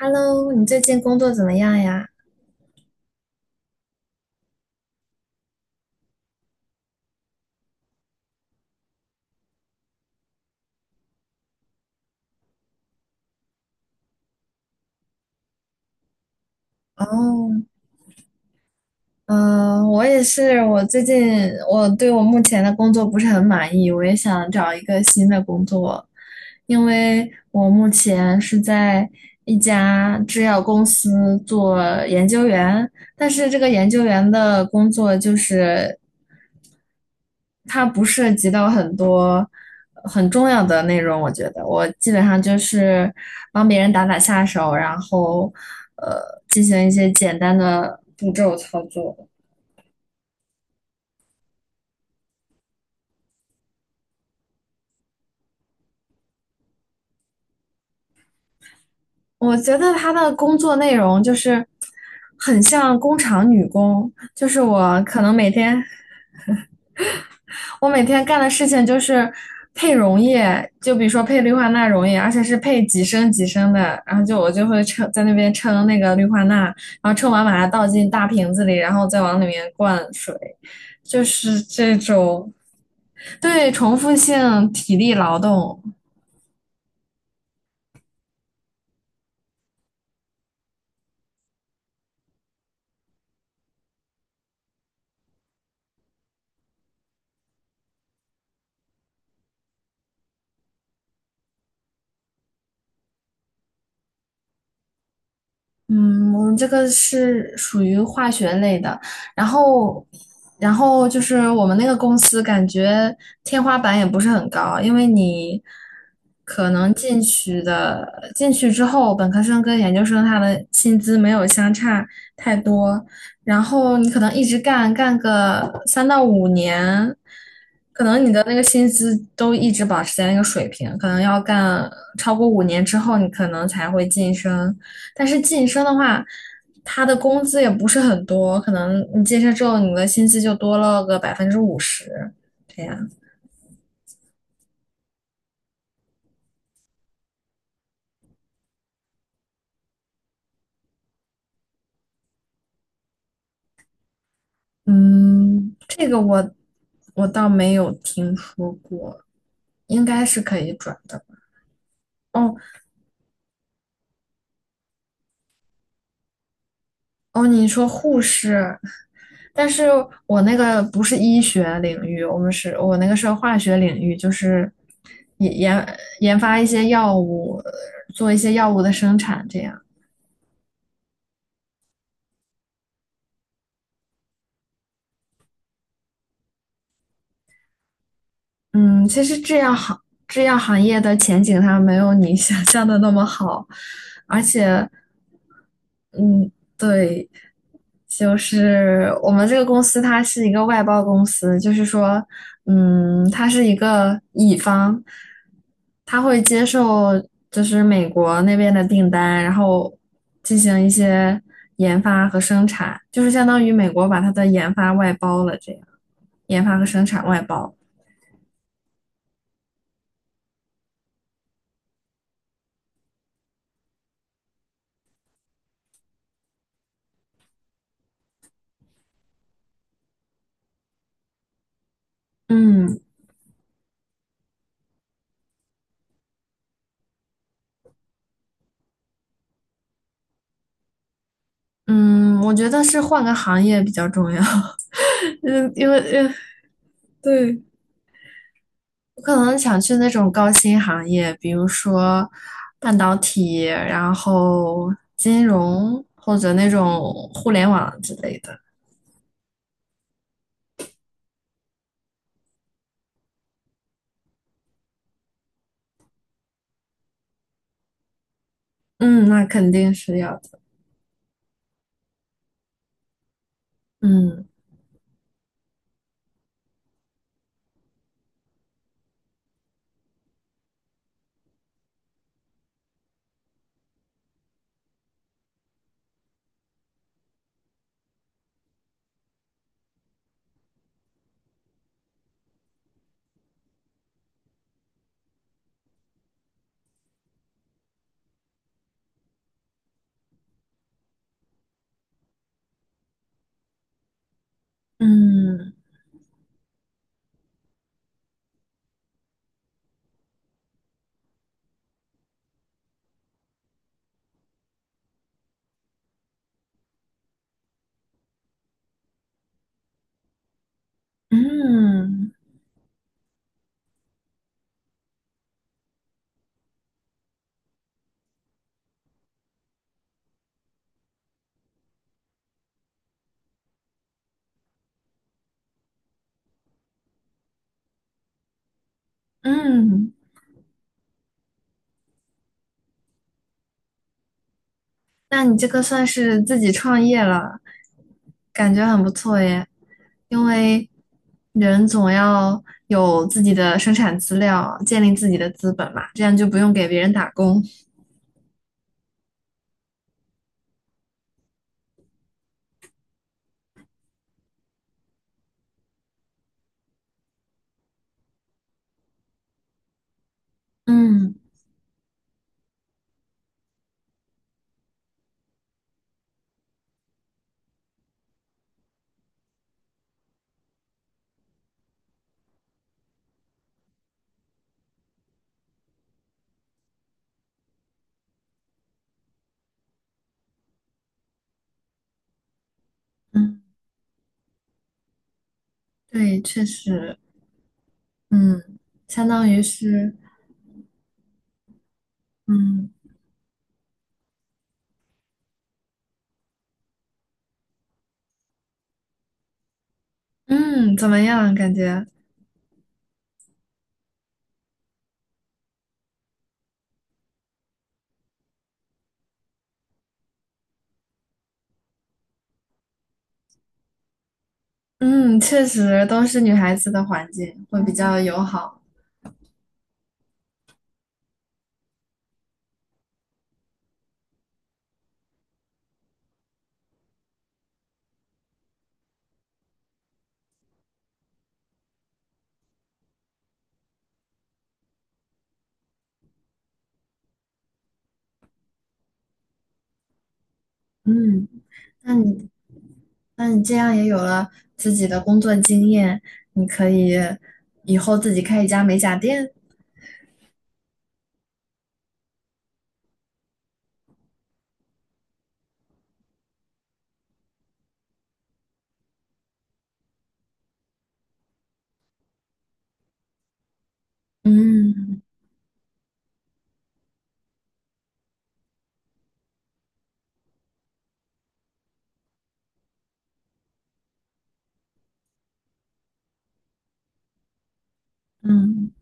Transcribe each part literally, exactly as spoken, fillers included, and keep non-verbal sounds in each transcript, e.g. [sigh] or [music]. Hello，你最近工作怎么样呀？哦，嗯，我也是，我最近我对我目前的工作不是很满意，我也想找一个新的工作，因为我目前是在一家制药公司做研究员，但是这个研究员的工作就是它不涉及到很多很重要的内容，我觉得我基本上就是帮别人打打下手，然后呃进行一些简单的步骤操作。我觉得他的工作内容就是很像工厂女工，就是我可能每天我每天干的事情就是配溶液，就比如说配氯化钠溶液，而且是配几升几升的，然后就我就会称在那边称那个氯化钠，然后称完把它倒进大瓶子里，然后再往里面灌水，就是这种。对，重复性体力劳动。嗯，我们这个是属于化学类的，然后，然后就是我们那个公司感觉天花板也不是很高，因为你可能进去的，进去之后，本科生跟研究生他的薪资没有相差太多，然后你可能一直干干个三到五年，可能你的那个薪资都一直保持在那个水平，可能要干超过五年之后，你可能才会晋升。但是晋升的话，他的工资也不是很多，可能你晋升之后，你的薪资就多了个百分之五十，这样。嗯，这个我我倒没有听说过，应该是可以转的。哦哦，你说护士，但是我那个不是医学领域，我们是我那个是化学领域，就是研研研发一些药物，做一些药物的生产这样。嗯，其实制药行制药行业的前景它没有你想象的那么好，而且，嗯，对，就是我们这个公司它是一个外包公司，就是说，嗯，它是一个乙方，他会接受就是美国那边的订单，然后进行一些研发和生产，就是相当于美国把它的研发外包了，这样研发和生产外包。嗯，嗯，我觉得是换个行业比较重要，[laughs] 嗯，因为因为对，我可能想去那种高薪行业，比如说半导体，然后金融或者那种互联网之类的。嗯，那肯定是要的。嗯嗯嗯嗯，嗯那你这个算是自己创业了，感觉很不错耶。因为人总要有自己的生产资料，建立自己的资本嘛，这样就不用给别人打工。嗯嗯，对，确实，嗯，相当于是，嗯嗯，怎么样？感觉，嗯，确实都是女孩子的环境会比较友好。嗯，那你那你这样也有了自己的工作经验，你可以以后自己开一家美甲店。嗯嗯，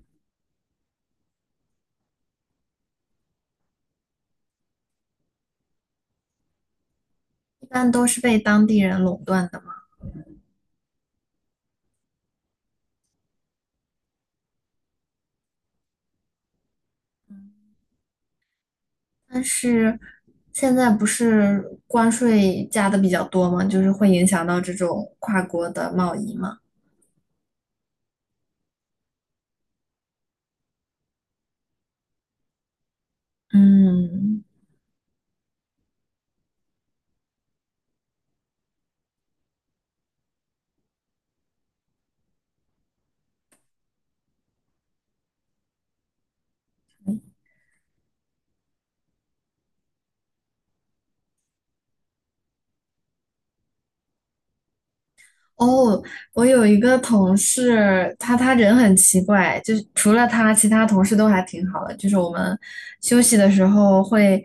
一般都是被当地人垄断的嘛。但是现在不是关税加的比较多嘛，就是会影响到这种跨国的贸易嘛。嗯。哦，我有一个同事，他他人很奇怪，就是除了他，其他同事都还挺好的。就是我们休息的时候会，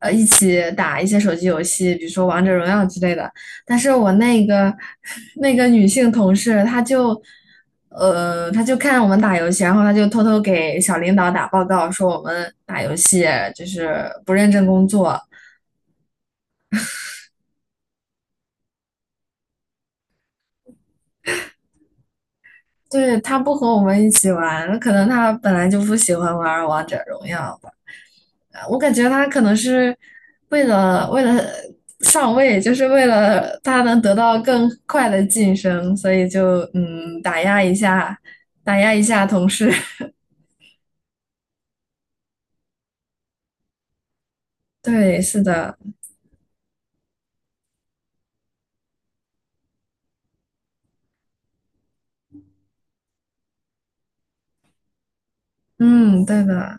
呃，一起打一些手机游戏，比如说王者荣耀之类的。但是我那个 [laughs] 那个女性同事，她就，呃，她就看我们打游戏，然后她就偷偷给小领导打报告，说我们打游戏就是不认真工作。对，她不和我们一起玩，可能她本来就不喜欢玩王者荣耀。吧。呃我感觉他可能是为了为了上位，就是为了他能得到更快的晋升，所以就嗯打压一下，打压一下同事。[laughs] 对，是的，嗯，对的，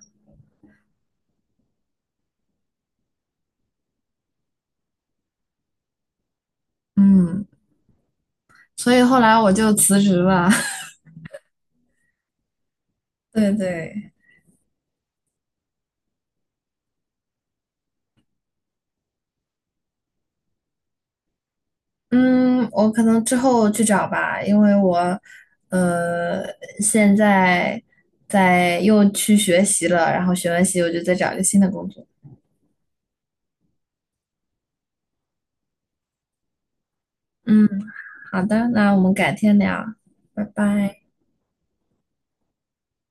嗯，所以后来我就辞职了。[laughs] 对对，嗯，我可能之后去找吧，因为我呃现在在又去学习了，然后学完习我就再找一个新的工作。嗯。好的，那我们改天聊，拜拜。